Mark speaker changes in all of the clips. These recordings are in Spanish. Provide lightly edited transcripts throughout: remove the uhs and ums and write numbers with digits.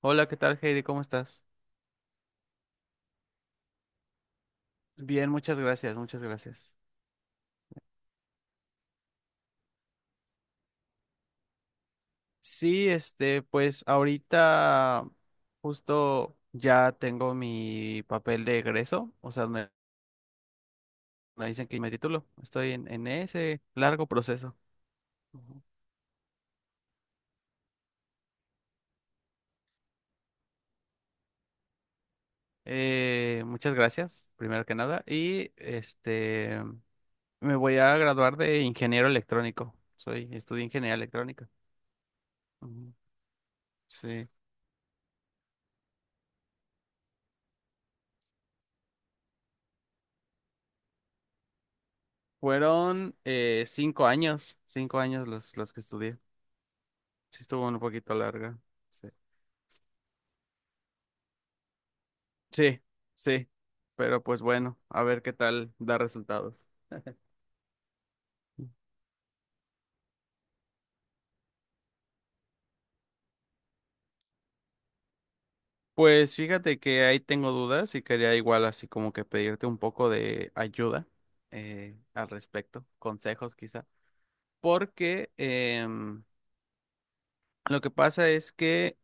Speaker 1: Hola, ¿qué tal, Heidi? ¿Cómo estás? Bien, muchas gracias, muchas gracias. Sí, este, pues ahorita justo ya tengo mi papel de egreso, o sea, me dicen que me titulo. Estoy en ese largo proceso. Ujú. Muchas gracias, primero que nada. Y este, me voy a graduar de ingeniero electrónico. Soy, estudié ingeniería electrónica. Ujú. Sí. Fueron 5 años, 5 años los que estudié. Sí, estuvo un poquito larga. Sí. Sí, sí. Pero pues bueno, a ver qué tal da resultados. Pues fíjate que ahí tengo dudas y quería igual así como que pedirte un poco de ayuda al respecto, consejos quizá, porque lo que pasa es que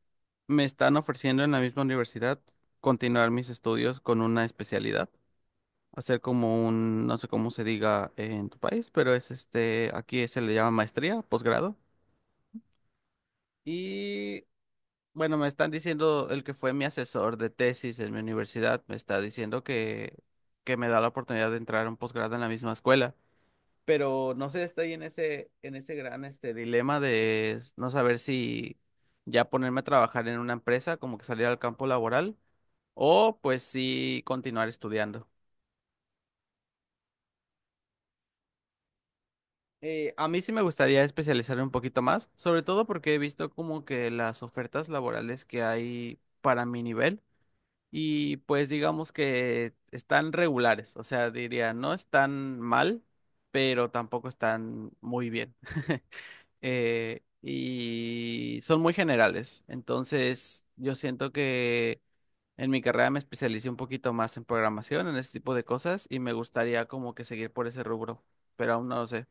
Speaker 1: me están ofreciendo en la misma universidad continuar mis estudios con una especialidad, hacer como un, no sé cómo se diga en tu país, pero es este, aquí se le llama maestría, posgrado. Y bueno, me están diciendo el que fue mi asesor de tesis en mi universidad, me está diciendo que me da la oportunidad de entrar a un posgrado en la misma escuela. Pero no sé, estoy en ese gran este dilema de no saber si ya ponerme a trabajar en una empresa, como que salir al campo laboral, o pues sí continuar estudiando. A mí sí me gustaría especializarme un poquito más, sobre todo porque he visto como que las ofertas laborales que hay para mi nivel. Y pues digamos que están regulares, o sea, diría, no están mal, pero tampoco están muy bien. Y son muy generales, entonces yo siento que en mi carrera me especialicé un poquito más en programación, en ese tipo de cosas, y me gustaría como que seguir por ese rubro, pero aún no lo sé.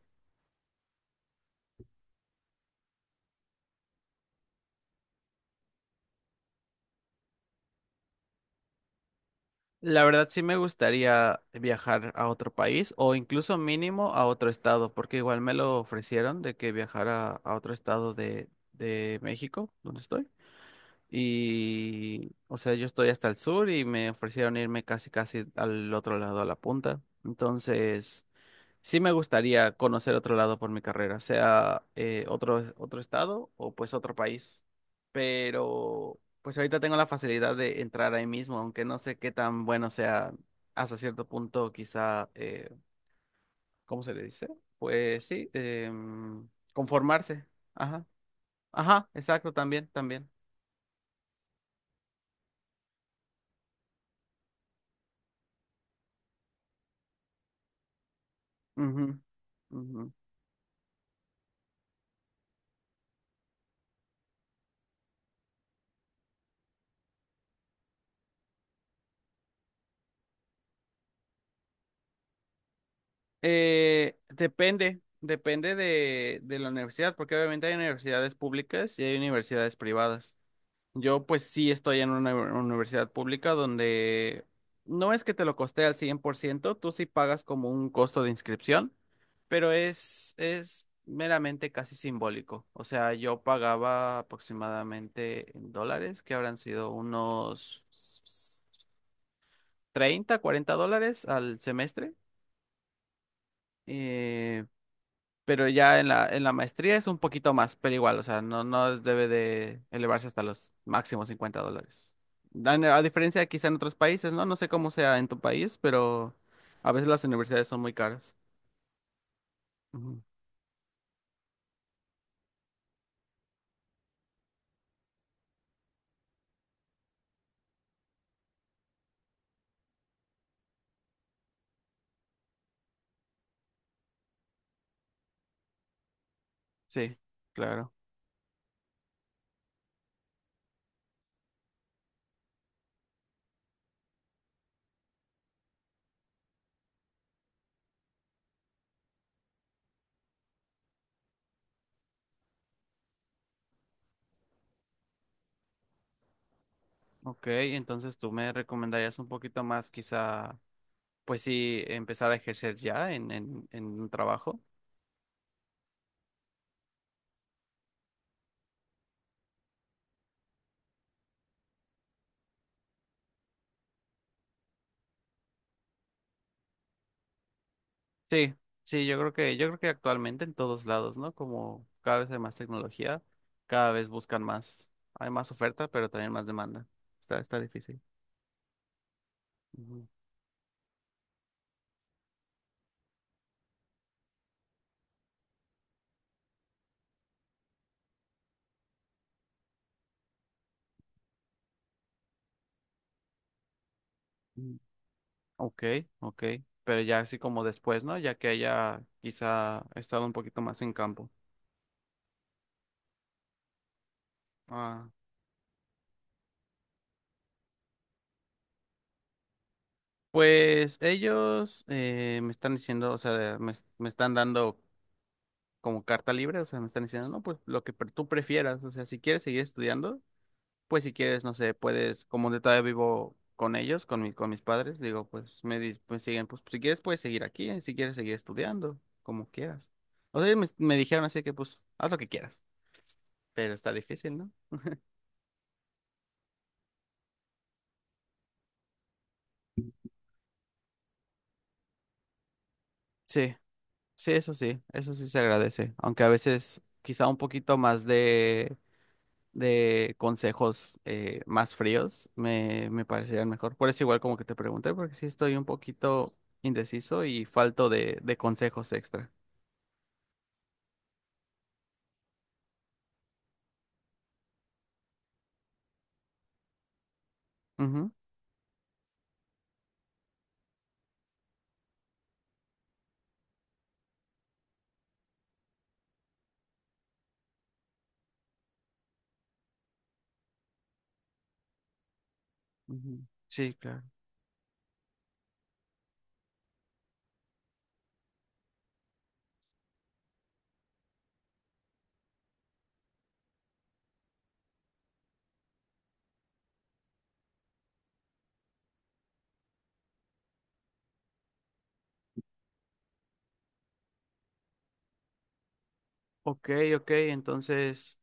Speaker 1: La verdad sí me gustaría viajar a otro país o incluso mínimo a otro estado, porque igual me lo ofrecieron de que viajara a otro estado de México, donde estoy. Y, o sea, yo estoy hasta el sur y me ofrecieron irme casi casi al otro lado, a la punta. Entonces sí me gustaría conocer otro lado por mi carrera, sea otro, otro estado o pues otro país. Pero pues ahorita tengo la facilidad de entrar ahí mismo, aunque no sé qué tan bueno sea hasta cierto punto, quizá, ¿cómo se le dice? Pues sí, conformarse. Ajá, ajá, exacto, también, también. Ujú, ujú. Depende, de la universidad, porque obviamente hay universidades públicas y hay universidades privadas. Yo pues sí estoy en una universidad pública donde no es que te lo coste al 100%, tú sí pagas como un costo de inscripción, pero es meramente casi simbólico. O sea, yo pagaba aproximadamente en dólares, que habrán sido unos 30, 40 dólares al semestre. Eh, Pero ya en la maestría es un poquito más, pero igual, o sea, no debe de elevarse hasta los máximos 50 dólares. A diferencia quizá en otros países, ¿no? No sé cómo sea en tu país, pero a veces las universidades son muy caras. Ujú. Sí, claro. Ok, entonces tú me recomendarías un poquito más quizá, pues sí, empezar a ejercer ya en, en un trabajo. Sí, sí, yo creo que actualmente en todos lados, ¿no? Como cada vez hay más tecnología, cada vez buscan más, hay más oferta, pero también más demanda. Está difícil. Ujú. Mm. Ok, ok. Pero ya así como después, ¿no? Ya que haya quizá estado un poquito más en campo. Ah, pues ellos me están diciendo, o sea, me están dando como carta libre, o sea, me están diciendo, no, pues lo que tú prefieras, o sea, si quieres seguir estudiando. Pues si quieres, no sé, puedes, como de todavía vivo con ellos, con con mis padres, digo, pues me pues, siguen, pues si quieres puedes seguir aquí, si quieres seguir estudiando, como quieras. O sea, ellos me dijeron así que pues haz lo que quieras, pero está difícil, ¿no? Sí, sí, eso sí, eso sí se agradece, aunque a veces quizá un poquito más de consejos más fríos me parecerían mejor. Por eso igual como que te pregunté, porque sí estoy un poquito indeciso y falto de consejos extra. Ujú. Sí, claro. Ok, ok, entonces,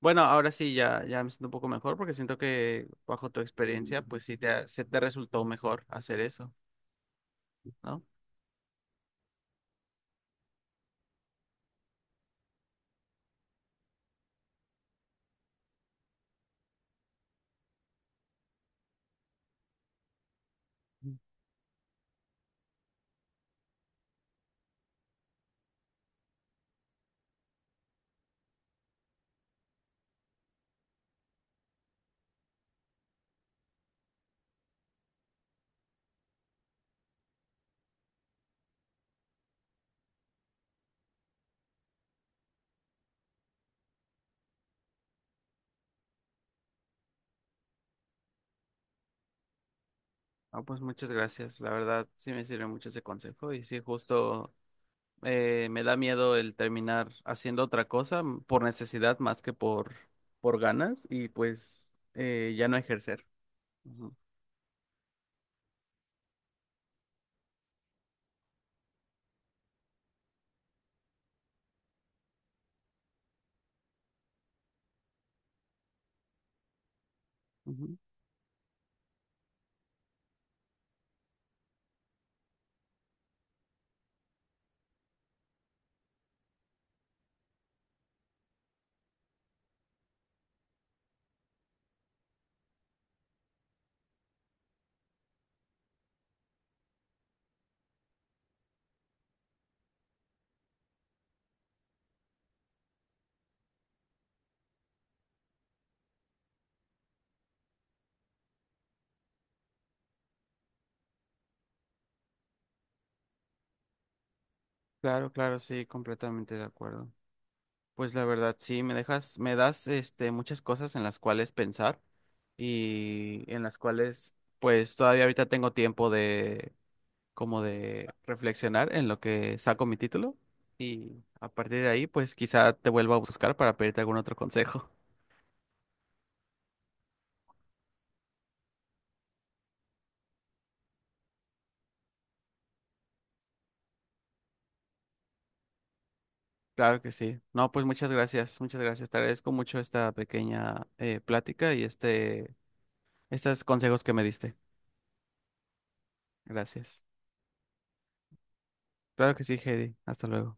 Speaker 1: bueno, ahora sí ya me siento un poco mejor porque siento que bajo tu experiencia, pues sí te, se te resultó mejor hacer eso, ¿no? Ah, pues muchas gracias, la verdad sí me sirve mucho ese consejo y sí, justo me da miedo el terminar haciendo otra cosa por necesidad más que por ganas y pues ya no ejercer. Ujú, ujú. Claro, claro, sí, completamente de acuerdo. Pues la verdad, sí, me dejas, me das este muchas cosas en las cuales pensar y en las cuales pues todavía ahorita tengo tiempo de como de reflexionar en lo que saco mi título y a partir de ahí pues quizá te vuelva a buscar para pedirte algún otro consejo. Claro que sí. No, pues muchas gracias, muchas gracias. Te agradezco mucho esta pequeña plática y este estos consejos que me diste. Gracias. Claro que sí, Heidi. Hasta luego.